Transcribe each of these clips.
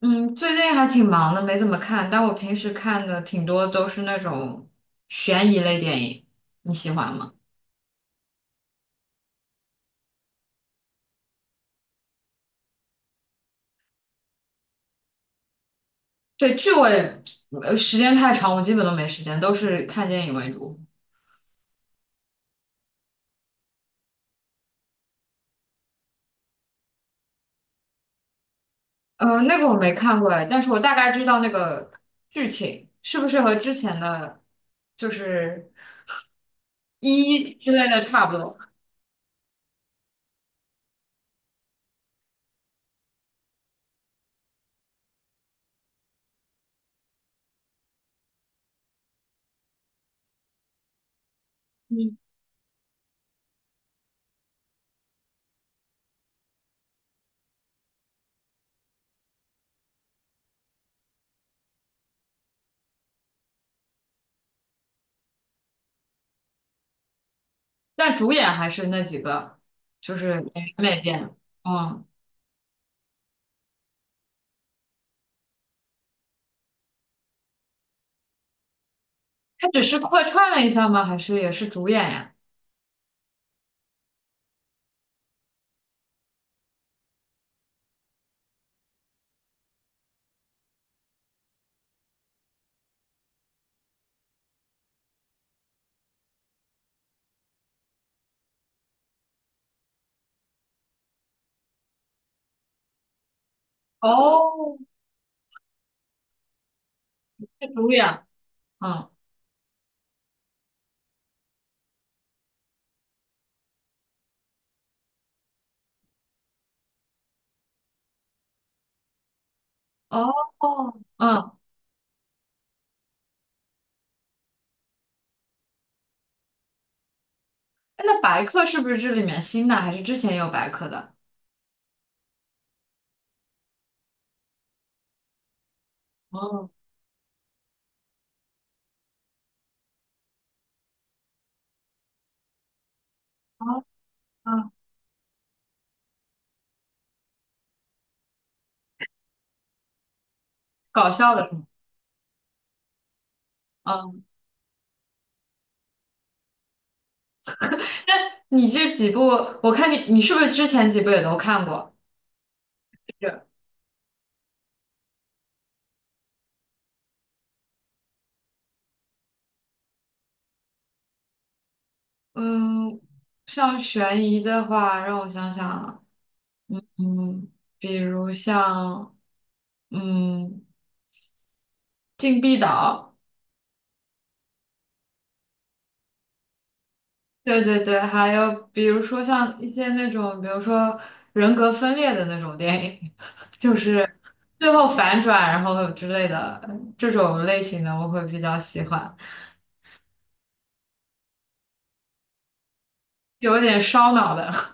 嗯，最近还挺忙的，没怎么看，但我平时看的挺多都是那种悬疑类电影，你喜欢吗？对，剧我也，时间太长，我基本都没时间，都是看电影为主。那个我没看过哎，但是我大概知道那个剧情是不是和之前的，就是一之类的差不多。嗯，但主演还是那几个，就是演员没变。嗯，他只是客串了一下吗？还是也是主演呀？哦，是主演。嗯。哦。嗯。哎，那白客是不是这里面新的，还是之前也有白客的？哦。哦。嗯。搞笑的是吗？嗯，你这几部，我看你，你是不是之前几部也都看过？是。嗯，像悬疑的话，让我想想啊，嗯，比如像，嗯，禁闭岛，对对对，还有比如说像一些那种，比如说人格分裂的那种电影，就是。最后反转，然后之类的这种类型的，我会比较喜欢，有点烧脑的。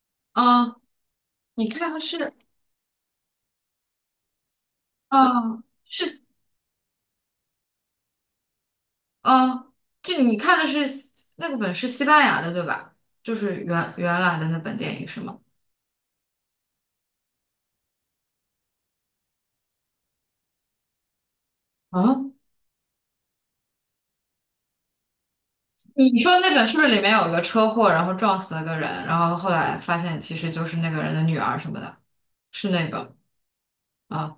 嗯，你看的是，嗯，是，嗯，这你看的是那个本是西班牙的对吧？就是原来的那本电影是吗？啊，你说那本是不是里面有一个车祸，然后撞死了个人，然后后来发现其实就是那个人的女儿什么的？是那个啊？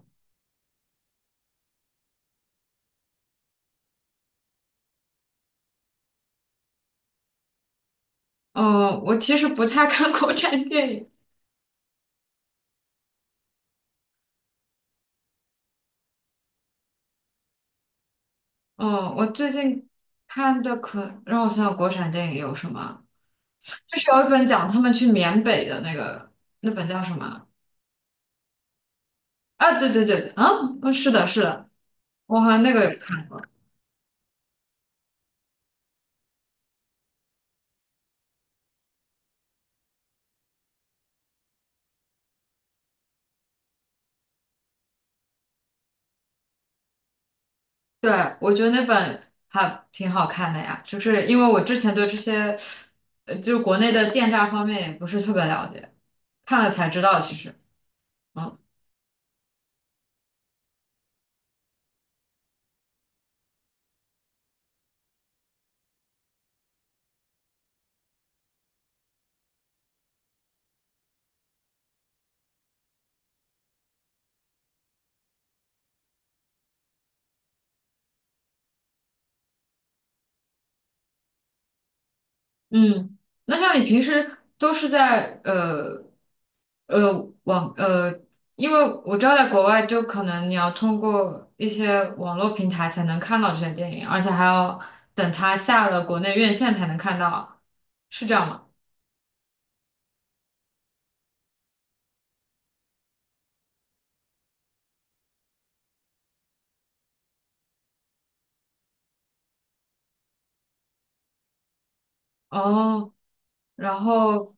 嗯，我其实不太看国产电影。嗯，我最近看的可让我想想国产电影有什么，就是有一本讲他们去缅北的那个，那本叫什么？啊，对对对。啊。嗯。是的，是的，我好像那个有看，对，我觉得那本还挺好看的呀，就是因为我之前对这些，就国内的电诈方面也不是特别了解，看了才知道其实，嗯嗯，那像你平时都是在呃网因为我知道在国外就可能你要通过一些网络平台才能看到这些电影，而且还要等它下了国内院线才能看到，是这样吗？哦，然后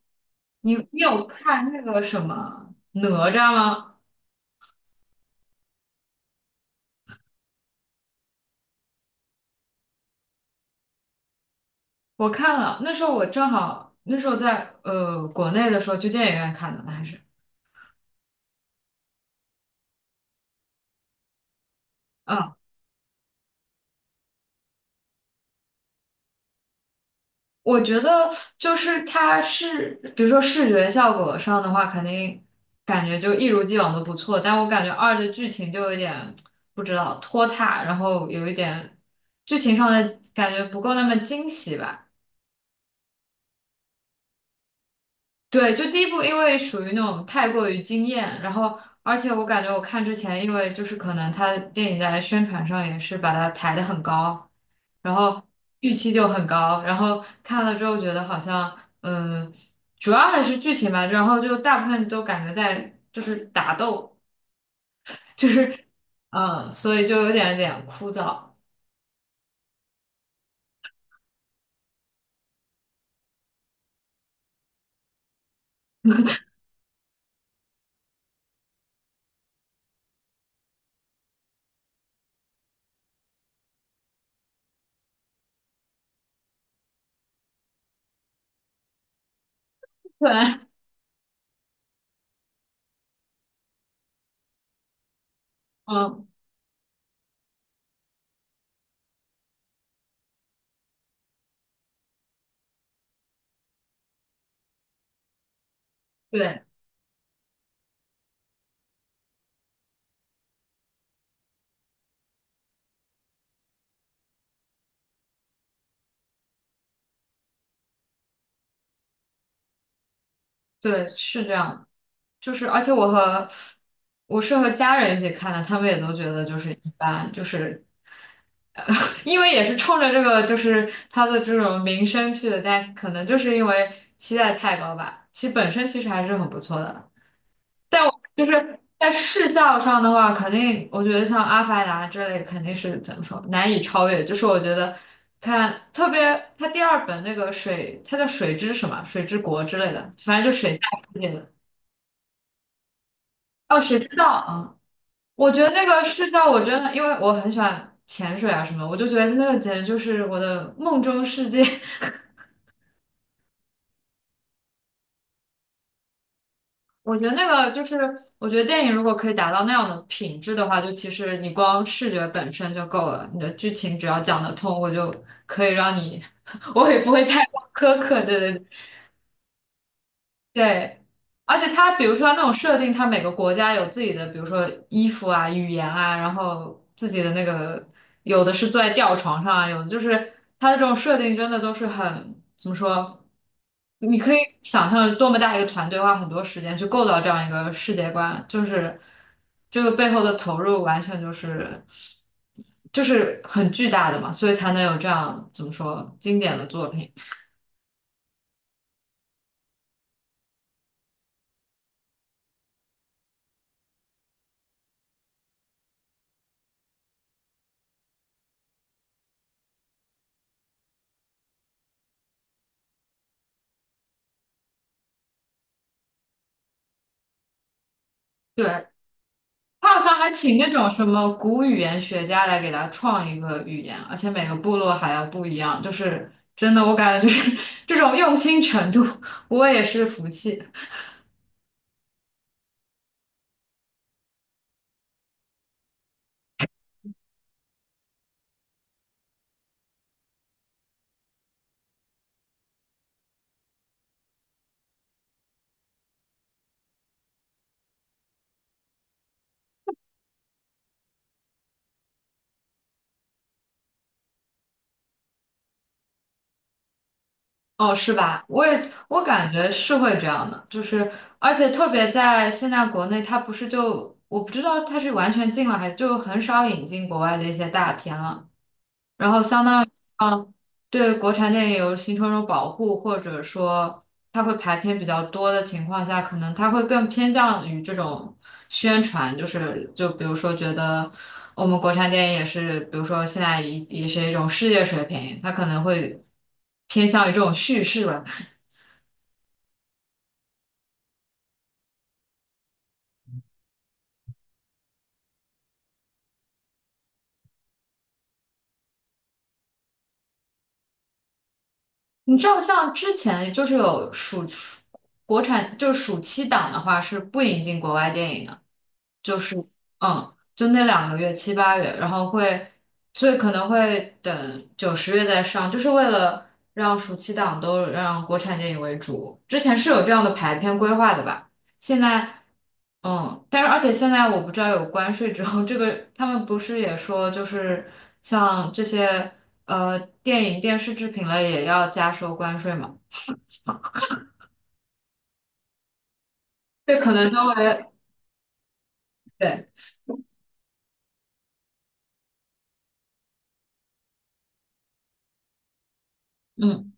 你你有看那个什么哪吒吗？我看了，那时候我正好那时候在国内的时候去电影院看的，那还是。嗯。我觉得就是它是，比如说视觉效果上的话，肯定感觉就一如既往的不错，但我感觉二的剧情就有点不知道拖沓，然后有一点剧情上的感觉不够那么惊喜吧。对，就第一部，因为属于那种太过于惊艳，然后而且我感觉我看之前，因为就是可能他电影在宣传上也是把它抬得很高，然后预期就很高，然后看了之后觉得好像，嗯，主要还是剧情吧，然后就大部分都感觉在就是打斗，就是，嗯，所以就有点有点枯燥。对，嗯，对对，是这样的。就是而且我是和家人一起看的，他们也都觉得就是一般，就是因为也是冲着这个就是他的这种名声去的，但可能就是因为期待太高吧。其实本身其实还是很不错的，但我就是在视效上的话，肯定我觉得像《阿凡达》这类肯定是怎么说难以超越，就是我觉得。看，特别它第二本那个水，它叫水之什么，水之国之类的，反正就水下世界的。哦，水之道啊，我觉得那个视角，我真的因为我很喜欢潜水啊什么，我就觉得那个简直就是我的梦中世界。我觉得那个就是，我觉得电影如果可以达到那样的品质的话，就其实你光视觉本身就够了，你的剧情只要讲得通，我就可以让你，我也不会太苛刻。对对对，而且它比如说他那种设定，它每个国家有自己的，比如说衣服啊、语言啊，然后自己的那个，有的是坐在吊床上啊，有的就是它的这种设定真的都是很，怎么说？你可以想象多么大一个团队花很多时间去构造这样一个世界观，就是这个背后的投入完全就是很巨大的嘛，所以才能有这样怎么说经典的作品。对，他好像还请那种什么古语言学家来给他创一个语言，而且每个部落还要不一样，就是真的，我感觉就是 这种用心程度，我也是服气。哦，是吧？我感觉是会这样的，就是而且特别在现在国内，他不是就我不知道他是完全禁了，还是就很少引进国外的一些大片了。然后相当于啊，对国产电影有形成一种保护，或者说它会排片比较多的情况下，可能它会更偏向于这种宣传，就是就比如说觉得我们国产电影也是，比如说现在也是一种世界水平，它可能会偏向于这种叙事吧。你知道，像之前就是有暑国产就是暑期档的话是不引进国外电影的。就是就那两个月七八月，然后会，所以可能会等九十月再上，就是为了让暑期档都让国产电影为主。之前是有这样的排片规划的吧？现在嗯，但是而且现在我不知道有关税之后，这个他们不是也说就是像这些电影电视制品类也要加收关税嘛？这可能都会对。嗯。